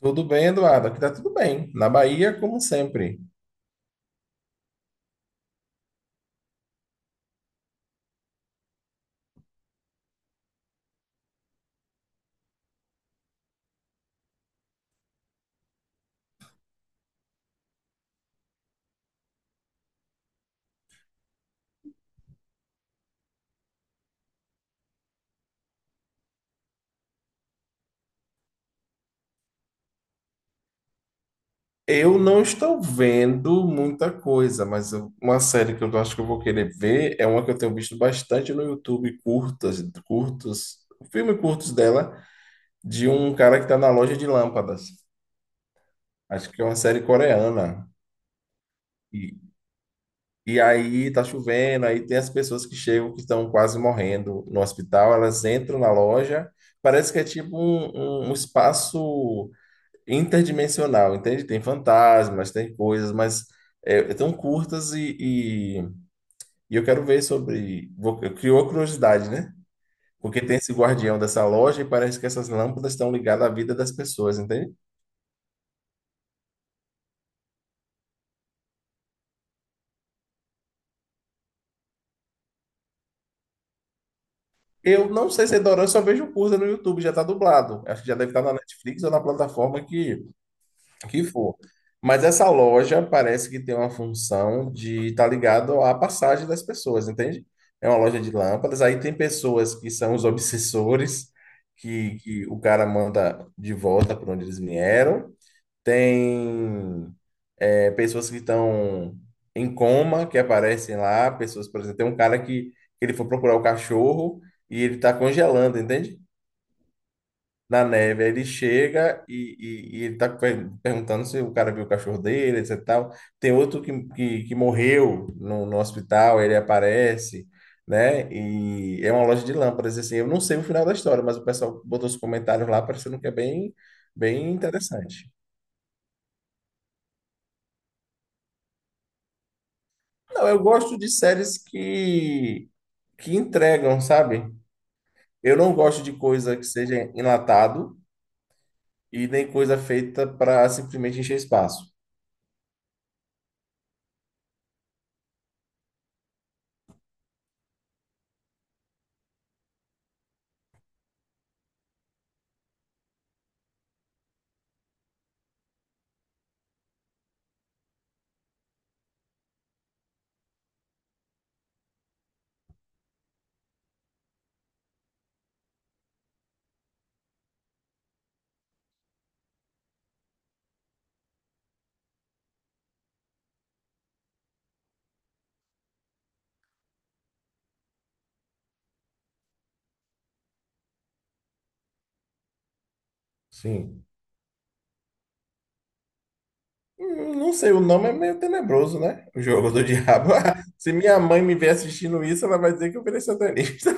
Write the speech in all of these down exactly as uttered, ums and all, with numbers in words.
Tudo bem, Eduardo? Aqui tá tudo bem. Na Bahia, como sempre. Eu não estou vendo muita coisa, mas eu- uma série que eu acho que eu vou querer ver é uma que eu tenho visto bastante no YouTube, curtas, curtos, filme curtos dela, de um cara que está na loja de lâmpadas. Acho que é uma série coreana. E, e aí tá chovendo, aí tem as pessoas que chegam que estão quase morrendo no hospital, elas entram na loja, parece que é tipo um um- um espaço interdimensional, entende? Tem fantasmas, tem coisas, mas é, é tão curtas e, e, e eu quero ver sobre. vou- Criou curiosidade, né? Porque tem esse guardião dessa loja e parece que essas lâmpadas estão ligadas à vida das pessoas, entende? Eu não sei se é dorama, eu só vejo curta no YouTube, já tá dublado. Acho que já deve estar na Netflix ou na plataforma que que for. Mas essa loja parece que tem uma função de estar tá ligado à passagem das pessoas, entende? É uma loja de lâmpadas. Aí tem pessoas que são os obsessores, que, que o cara manda de volta para onde eles vieram. Tem é, pessoas que estão em coma, que aparecem lá. Pessoas, por exemplo, tem um cara que ele foi procurar o cachorro e ele está congelando, entende? Na neve. Aí ele chega e, e, e ele tá per- perguntando se o cara viu o cachorro dele, etc e tal. Tem outro que, que, que morreu no, no hospital, ele aparece, né? E é uma loja de lâmpadas, assim. Eu não sei o final da história, mas o pessoal botou os comentários lá parecendo que é bem, bem interessante. Não, eu gosto de séries que, que entregam, sabe? Eu não gosto de coisa que seja enlatado e nem coisa feita para simplesmente encher espaço. Sim. Hum, não sei, o nome é meio tenebroso, né? O jogo do diabo. Se minha mãe me ver assistindo isso, ela vai dizer que eu virei satanista.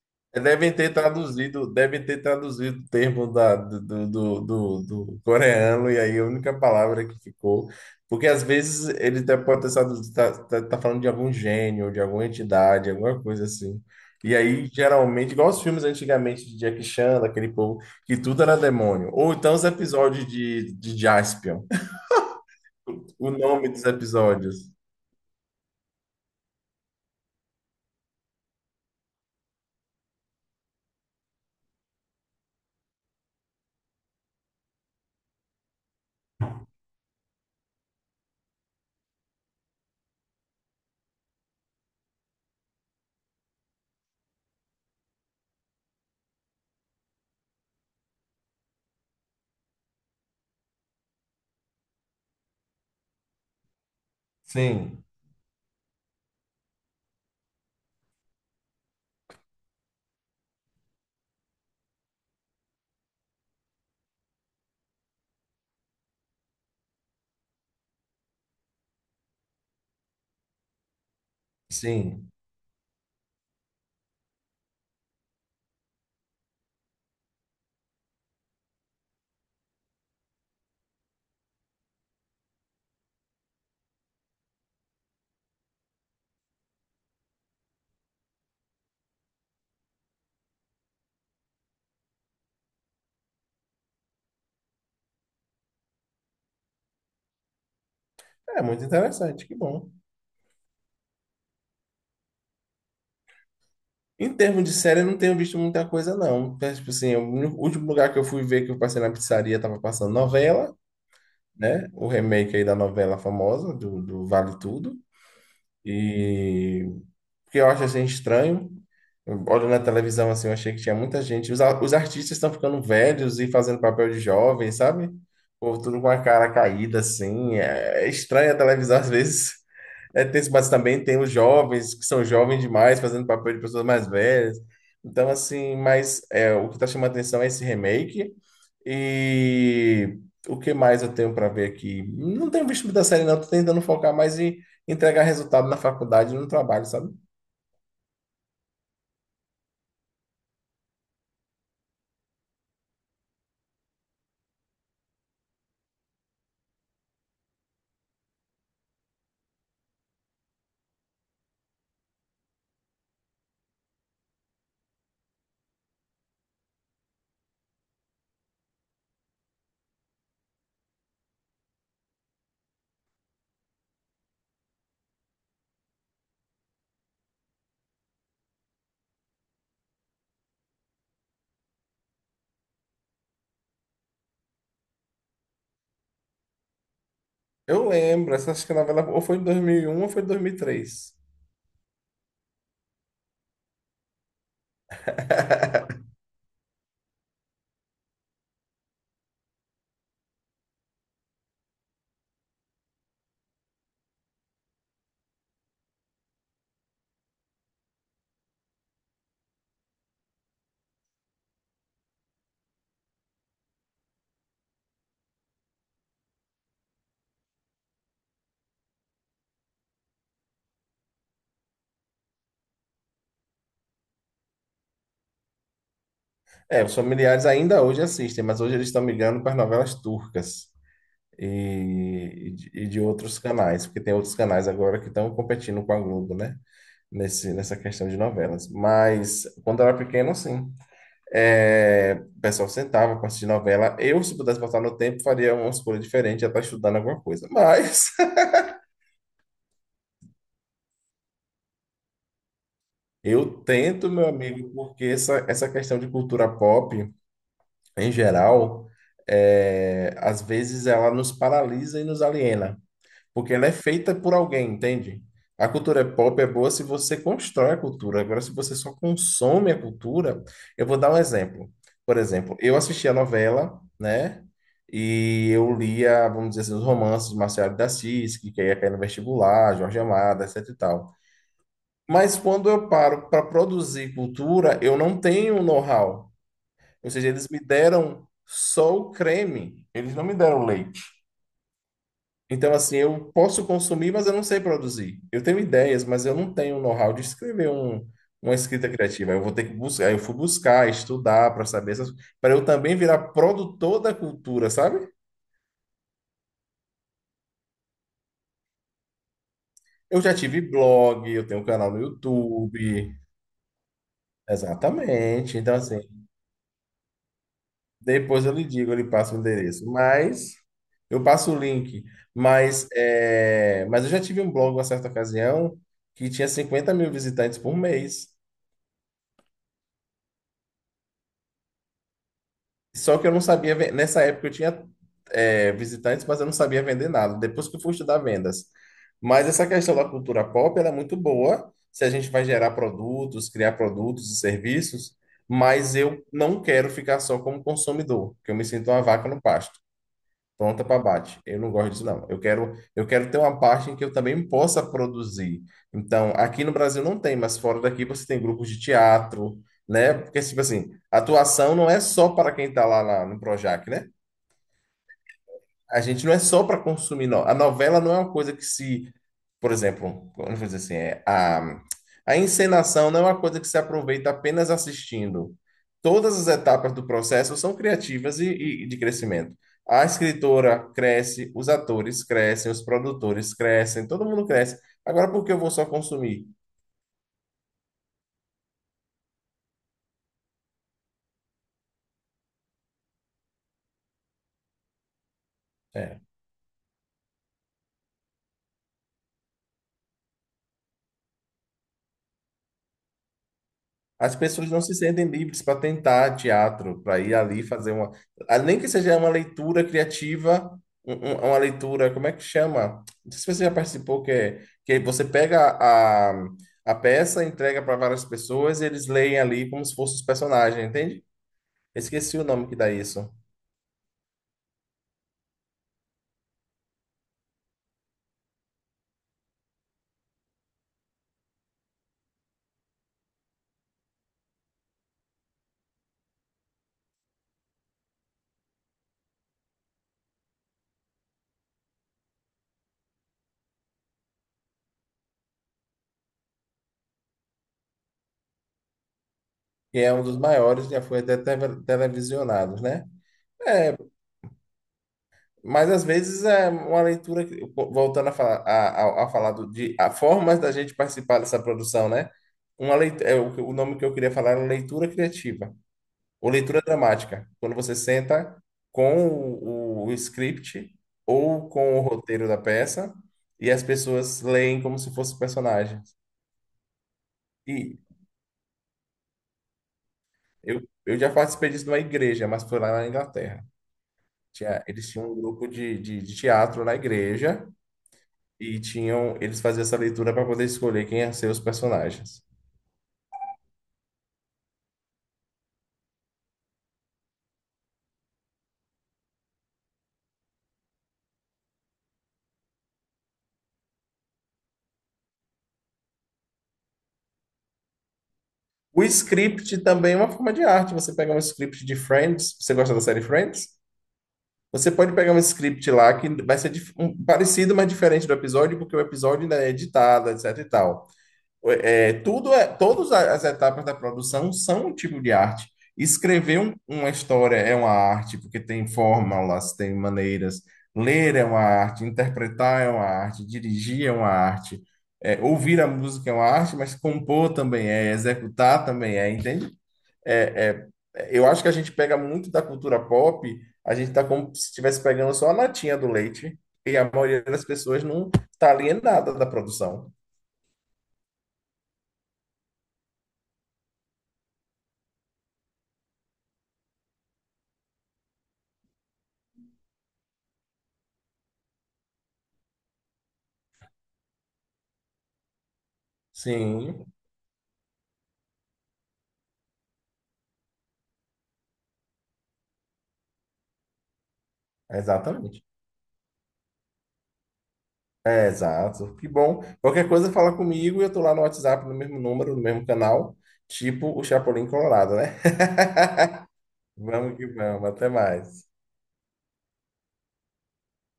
Devem ter traduzido, devem ter traduzido o termo da, do, do, do, do coreano, e aí a única palavra que ficou. Porque às vezes ele até pode estar tá, tá, tá falando de algum gênio, de alguma entidade, alguma coisa assim. E aí, geralmente, igual os filmes antigamente de Jackie Chan, daquele povo, que tudo era demônio. Ou então os episódios de, de Jaspion. O nome dos episódios. Sim, sim. É muito interessante, que bom. Em termos de série, eu não tenho visto muita coisa, não. É, tipo assim, o último lugar que eu fui ver que eu passei na pizzaria tava passando novela, né? O remake aí da novela famosa, do, do Vale Tudo. E o que eu acho assim estranho, olhando na televisão assim, eu achei que tinha muita gente. Os, a- os artistas estão ficando velhos e fazendo papel de jovem, sabe? O povo tudo com a cara caída, assim. É, é estranha a televisão às vezes. É tenso, mas também tem os jovens, que são jovens demais, fazendo papel de pessoas mais velhas. Então, assim, mas é, o que está chamando a atenção é esse remake. E o que mais eu tenho para ver aqui? Não tenho visto muita série, não. Estou tentando focar mais em entregar resultado na faculdade e no trabalho, sabe? Eu lembro, essa acho que a novela ou foi em dois mil e um ou foi em dois mil e três. É, os familiares ainda hoje assistem, mas hoje eles estão migrando para as novelas turcas e, e de e de outros canais, porque tem outros canais agora que estão competindo com a Globo, né? Nesse, nessa questão de novelas. Mas quando eu era pequeno, sim. É, o pessoal sentava para assistir novela. Eu, se pudesse voltar no tempo, faria uma escolha diferente, já estar estudando alguma coisa. Mas eu tento, meu amigo, porque essa, essa questão de cultura pop, em geral, é, às vezes ela nos paralisa e nos aliena, porque ela é feita por alguém, entende? A cultura pop é boa se você constrói a cultura. Agora, se você só consome a cultura, eu vou dar um exemplo. Por exemplo, eu assisti a novela, né? E eu lia, vamos dizer assim, os romances de Marcelo de Assis, que ia cair no vestibular, Jorge Amado, etc e tal. Mas quando eu paro para produzir cultura, eu não tenho know-how. Ou seja, eles me deram só o creme, eles não me deram o leite. Então, assim, eu posso consumir, mas eu não sei produzir. Eu tenho ideias, mas eu não tenho o know-how de escrever um, uma escrita criativa. Eu vou ter que buscar, eu fui buscar, estudar para saber essas, para eu também virar produtor da cultura, sabe? Eu já tive blog, eu tenho um canal no YouTube. Exatamente. Então, assim, depois eu lhe digo, eu lhe passo o endereço. Mas eu passo o link. Mas, é, mas eu já tive um blog, uma certa ocasião, que tinha cinquenta mil visitantes por mês. Só que eu não sabia. ven- Nessa época eu tinha, é, visitantes, mas eu não sabia vender nada. Depois que eu fui estudar vendas. Mas essa questão da cultura pop, ela é muito boa. Se a gente vai gerar produtos, criar produtos e serviços. Mas eu não quero ficar só como consumidor, porque eu me sinto uma vaca no pasto. Pronta para bate. Eu não gosto disso, não. Eu quero, eu quero ter uma parte em que eu também possa produzir. Então, aqui no Brasil não tem, mas fora daqui você tem grupos de teatro, né? Porque, tipo assim, atuação não é só para quem está lá na- no Projac, né? A gente não é só para consumir. No... A novela não é uma coisa que se, por exemplo, vamos dizer assim, é, a, a encenação não é uma coisa que se aproveita apenas assistindo. Todas as etapas do processo são criativas e, e de crescimento. A escritora cresce, os atores crescem, os produtores crescem, todo mundo cresce. Agora, por que eu vou só consumir? É. As pessoas não se sentem livres para tentar teatro, para ir ali fazer uma. Ah, nem que seja uma leitura criativa, um- um- uma leitura, como é que chama? Não sei se você já participou, que, é- que você pega a, a peça, entrega para várias pessoas e eles leem ali como se fossem os personagens, entende? Esqueci o nome que dá isso. Que é um dos maiores, já foi até teve- televisionados, né? É, mas às vezes é uma leitura, que- voltando a falar, a, a, a falar do, de a formas da gente participar dessa produção, né? Uma leitura, é, o, que- o nome que eu queria falar era leitura criativa, ou leitura dramática, quando você senta com o, o, o script ou com o roteiro da peça e as pessoas leem como se fosse personagens. E eu, eu já participei disso numa igreja, mas foi lá na Inglaterra. Tinha, eles tinham um grupo de, de, de teatro na igreja, e tinham, eles faziam essa leitura para poder escolher quem ia ser os personagens. O script também é uma forma de arte. Você pega um script de Friends, você gosta da série Friends? Você pode pegar um script lá que vai ser dif- um- parecido, mas diferente do episódio, porque o episódio ainda é editado, etc e tal. É, tudo é, todas as etapas da produção são um tipo de arte. Escrever um- uma história é uma arte, porque tem fórmulas, tem maneiras. Ler é uma arte, interpretar é uma arte, dirigir é uma arte, é, ouvir a música é uma arte, mas compor também é, executar também é, entende? É, é, é, eu acho que a gente pega muito da cultura pop, a gente está como se estivesse pegando só a latinha do leite, e a maioria das pessoas não tá alienada da produção. Sim. Exatamente. É, exato. Que bom. Qualquer coisa fala comigo e eu tô lá no WhatsApp, no mesmo número, no mesmo canal, tipo o Chapolin Colorado, né? Vamos que vamos. Até mais.